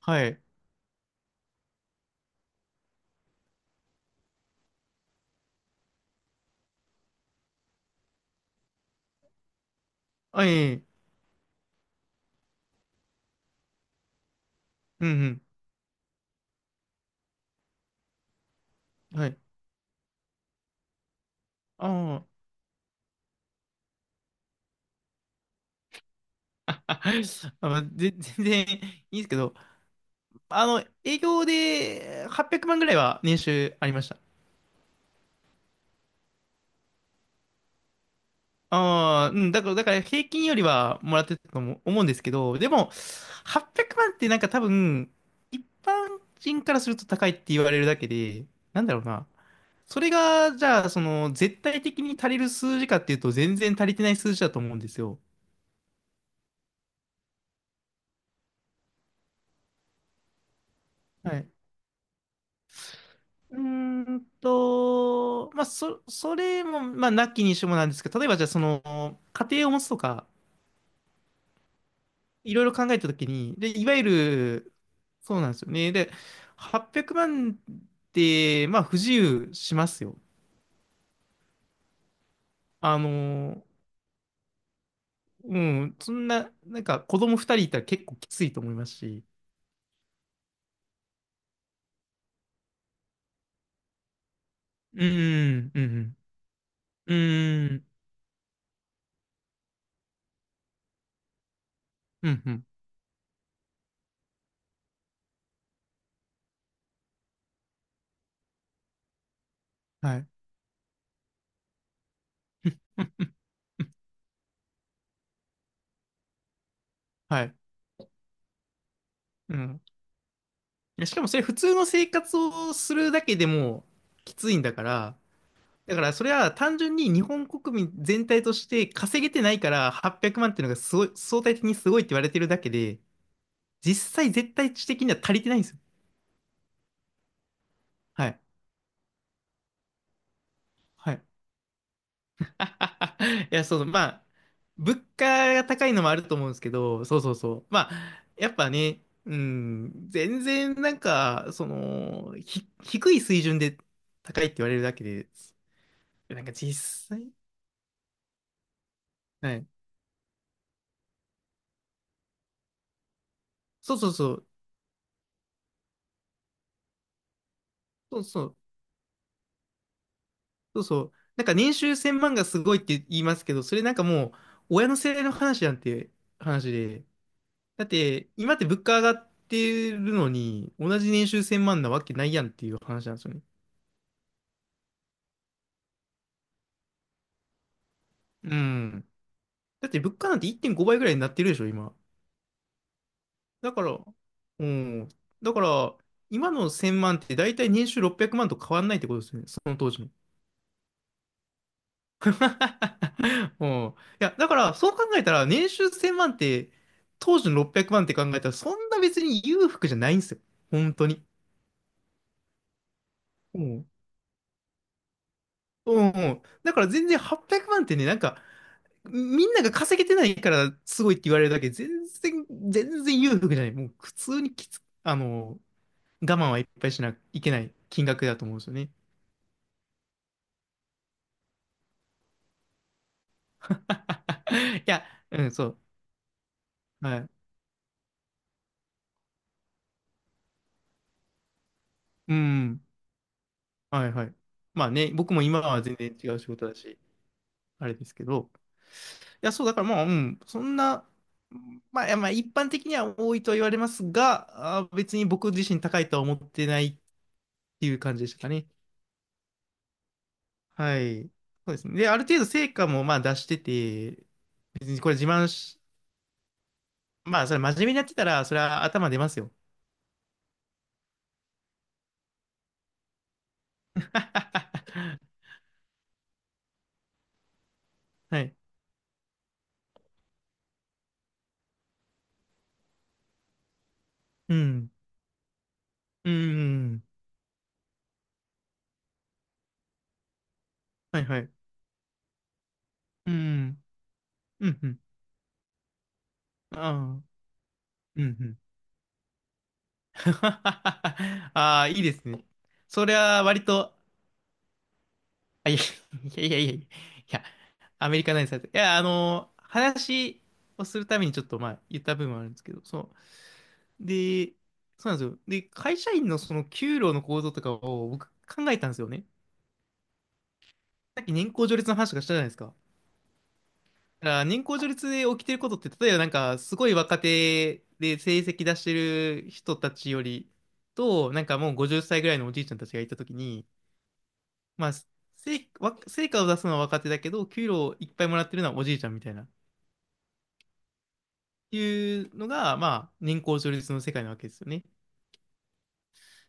はい。あ、いえいえ。うんうん。はい。ああ、あ、まあぜ 全然いいですけど、営業で800万ぐらいは年収ありました。ああ、うん、だから平均よりはもらってたと思うんですけど、でも、800万ってなんか多分、一般人からすると高いって言われるだけで、なんだろうな。それが、じゃあ、その、絶対的に足りる数字かっていうと、全然足りてない数字だと思うんですよ。はい。うーまあ、それも、まあ、なきにしもなんですけど、例えばじゃあ、その、家庭を持つとか、いろいろ考えたときに、で、いわゆる、そうなんですよね。で、800万って、まあ、不自由しますよ。あの、うん、そんな、なんか、子供2人いたら結構きついと思いますし。うん、うん、うん、うん、うん、うん、はい。はい。うん。いやしかもそれ普通の生活をするだけでもきついんだから、だからそれは単純に日本国民全体として稼げてないから800万っていうのがすごい、相対的にすごいって言われてるだけで、実際絶対値的には足りてないんですよ。はい。はい。いや、そう、まあ、物価が高いのもあると思うんですけど、そうそうそう。まあ、やっぱね、うん、全然なんか、その、低い水準で高いって言われるだけで、なんか実際、はい。そうそうそう。そうそう。そうそう。なんか年収1000万がすごいって言いますけど、それなんかもう、親の世代の話で。だって、今って物価上がってるのに、同じ年収1000万なわけないやんっていう話なんですよね。うん。だって物価なんて1.5倍ぐらいになってるでしょ、今。だから、うん。だから、今の1000万って大体年収600万と変わんないってことですよね、その当時の。うん。いや、だから、そう考えたら、年収1000万って、当時の600万って考えたら、そんな別に裕福じゃないんですよ。本当に。うん。うん、うん。だから全然800万ってね、なんか、みんなが稼げてないからすごいって言われるだけ、全然、全然裕福じゃない。もう普通にあの、我慢はいっぱいしなきゃいけない金額だと思うんですよね。いや、うん、そう。はい。うん。はい、はい。まあね、僕も今は全然違う仕事だし。あれですけど。いや、そう、だからまあ、うん、そんな、まあ、いやまあ、一般的には多いとは言われますが、あー、別に僕自身高いとは思ってないっていう感じでしたかね。はい。そうですね。で、ある程度成果もまあ出してて、別にこれ自慢し、まあ、それ真面目にやってたら、それは頭出ますよ。はい。うん。うん。はいはい。うん。うん。うん。ああ。うん。うん。ああ、いいですね。それは割といやいやいやいやいや、いや、アメリカなイですいや、あの、話をするためにちょっとまあ言った部分はあるんですけど、そう。で、そうなんですよ。で、会社員のその給料の構造とかを僕考えたんですよね。さっき年功序列の話とかしたじゃないですか。だから年功序列で起きてることって、例えばなんかすごい若手で成績出してる人たちよりと、なんかもう50歳ぐらいのおじいちゃんたちがいたときに、まあ、成果を出すのは若手だけど、給料いっぱいもらってるのはおじいちゃんみたいな。いうのが、まあ、年功序列の世界なわけですよね。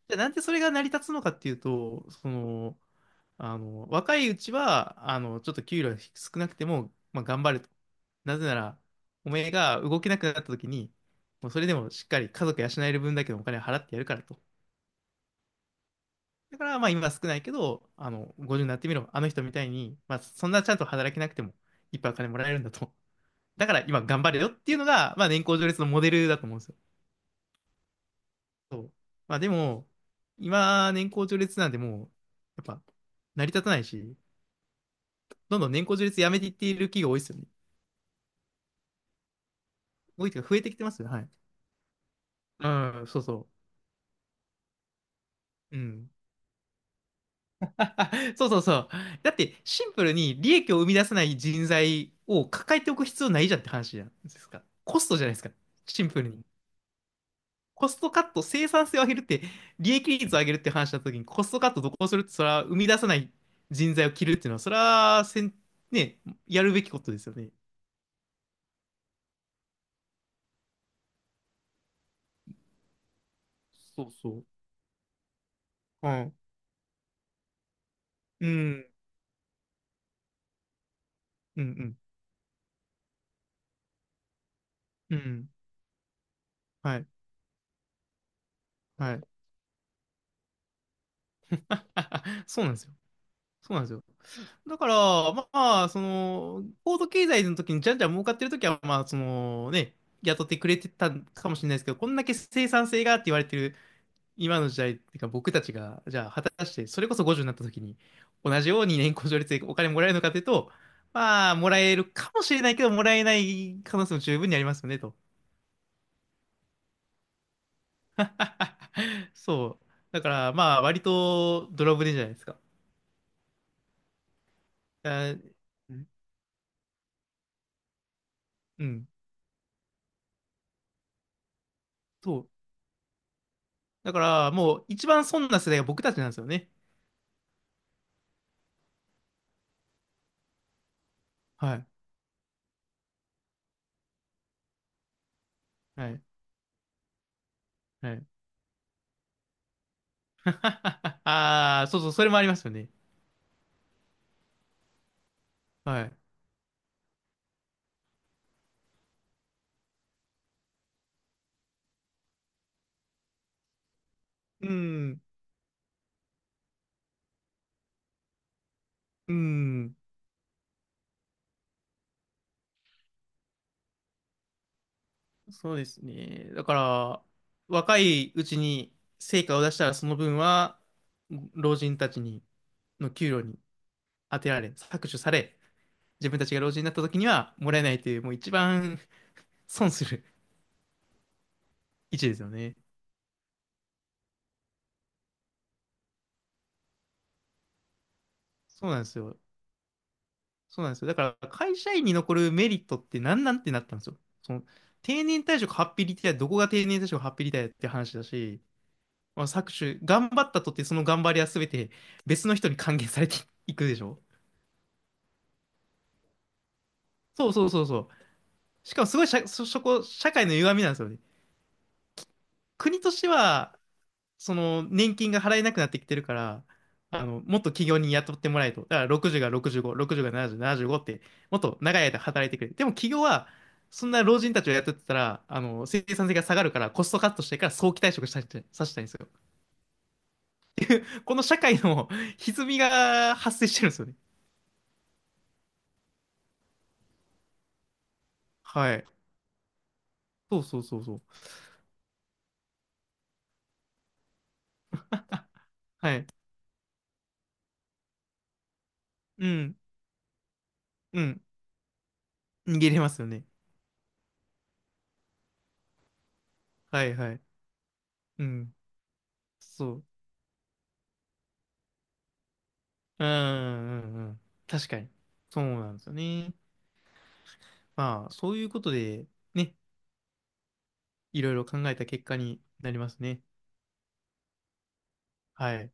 じゃあ、なんでそれが成り立つのかっていうと、その、あの、若いうちは、あの、ちょっと給料が少なくても、まあ、頑張ると。なぜなら、お前が動けなくなった時に、もうそれでもしっかり家族養える分だけのお金を払ってやるからと。だから、まあ、今少ないけど、あの、50になってみろ。あの人みたいに、まあ、そんなちゃんと働けなくても、いっぱいお金もらえるんだと。だから、今頑張れよっていうのが、まあ、年功序列のモデルだと思うんですよね。そう。まあでも、今、年功序列なんでもう、やっぱ、成り立たないし、どんどん年功序列やめていっている企業多いですよね。多いというか増えてきてますよね。はい。うん、そうそう。うん。そうそうそう。だって、シンプルに利益を生み出さない人材を抱えておく必要ないじゃんって話じゃないですか。コストじゃないですか。シンプルに。コストカット、生産性を上げるって、利益率を上げるって話したときに、コストカットどこをするって、それは生み出さない人材を切るっていうのは、それはせん、ね、やるべきことですよね。そうそう。はい。うん。うん。うん。うん。はい。はい。そうなんですよ。そうなんですよ。だから、まあ、その、高度経済の時にじゃんじゃん儲かってる時は、まあ、そのね、雇ってくれてたかもしれないですけど、こんだけ生産性がって言われてる今の時代っていうか、僕たちが、じゃあ、果たして、それこそ50になった時に、同じように年功序列でお金もらえるのかというと、まあ、もらえるかもしれないけど、もらえない可能性も十分にありますよね、と。そう。だから、まあ、割とドラブでじゃないですか。あうん。うんそう。だから、もう、一番損な世代が僕たちなんですよね。はい。はい。はい。ああ、そうそう、それもありますよね。はい。うん。うん。そうですね。だから、若いうちに成果を出したら、その分は、老人たちに、の給料に当てられ、搾取され、自分たちが老人になった時にはもらえないという、もう一番損する位置ですよね。そうなんですよ。そうなんですよ。だから会社員に残るメリットって何なんってなったんですよ。その定年退職ハッピーリタイア、どこが定年退職ハッピーリタイアって話だし、まあ、搾取、頑張ったとってその頑張りは全て別の人に還元されていくでしょ。そうそうそうそう。しかもすごい社、そ、そこ、社会の歪みなんですよね。国としてはその年金が払えなくなってきてるから、あの、もっと企業に雇ってもらえと。だから60が65、60が70、75って、もっと長い間働いてくれ。でも企業は、そんな老人たちを雇ってたら、あの、生産性が下がるから、コストカットしてから早期退職させたい、させたいんですよ。この社会の 歪みが発生してるんですよね。はい。そうそうそうそう。はい。うん。うん。逃げれますよね。はいはい。うん。そう。うんうんうん。確かに。そうなんですよね。まあ、そういうことで、ね、いろいろ考えた結果になりますね。はい。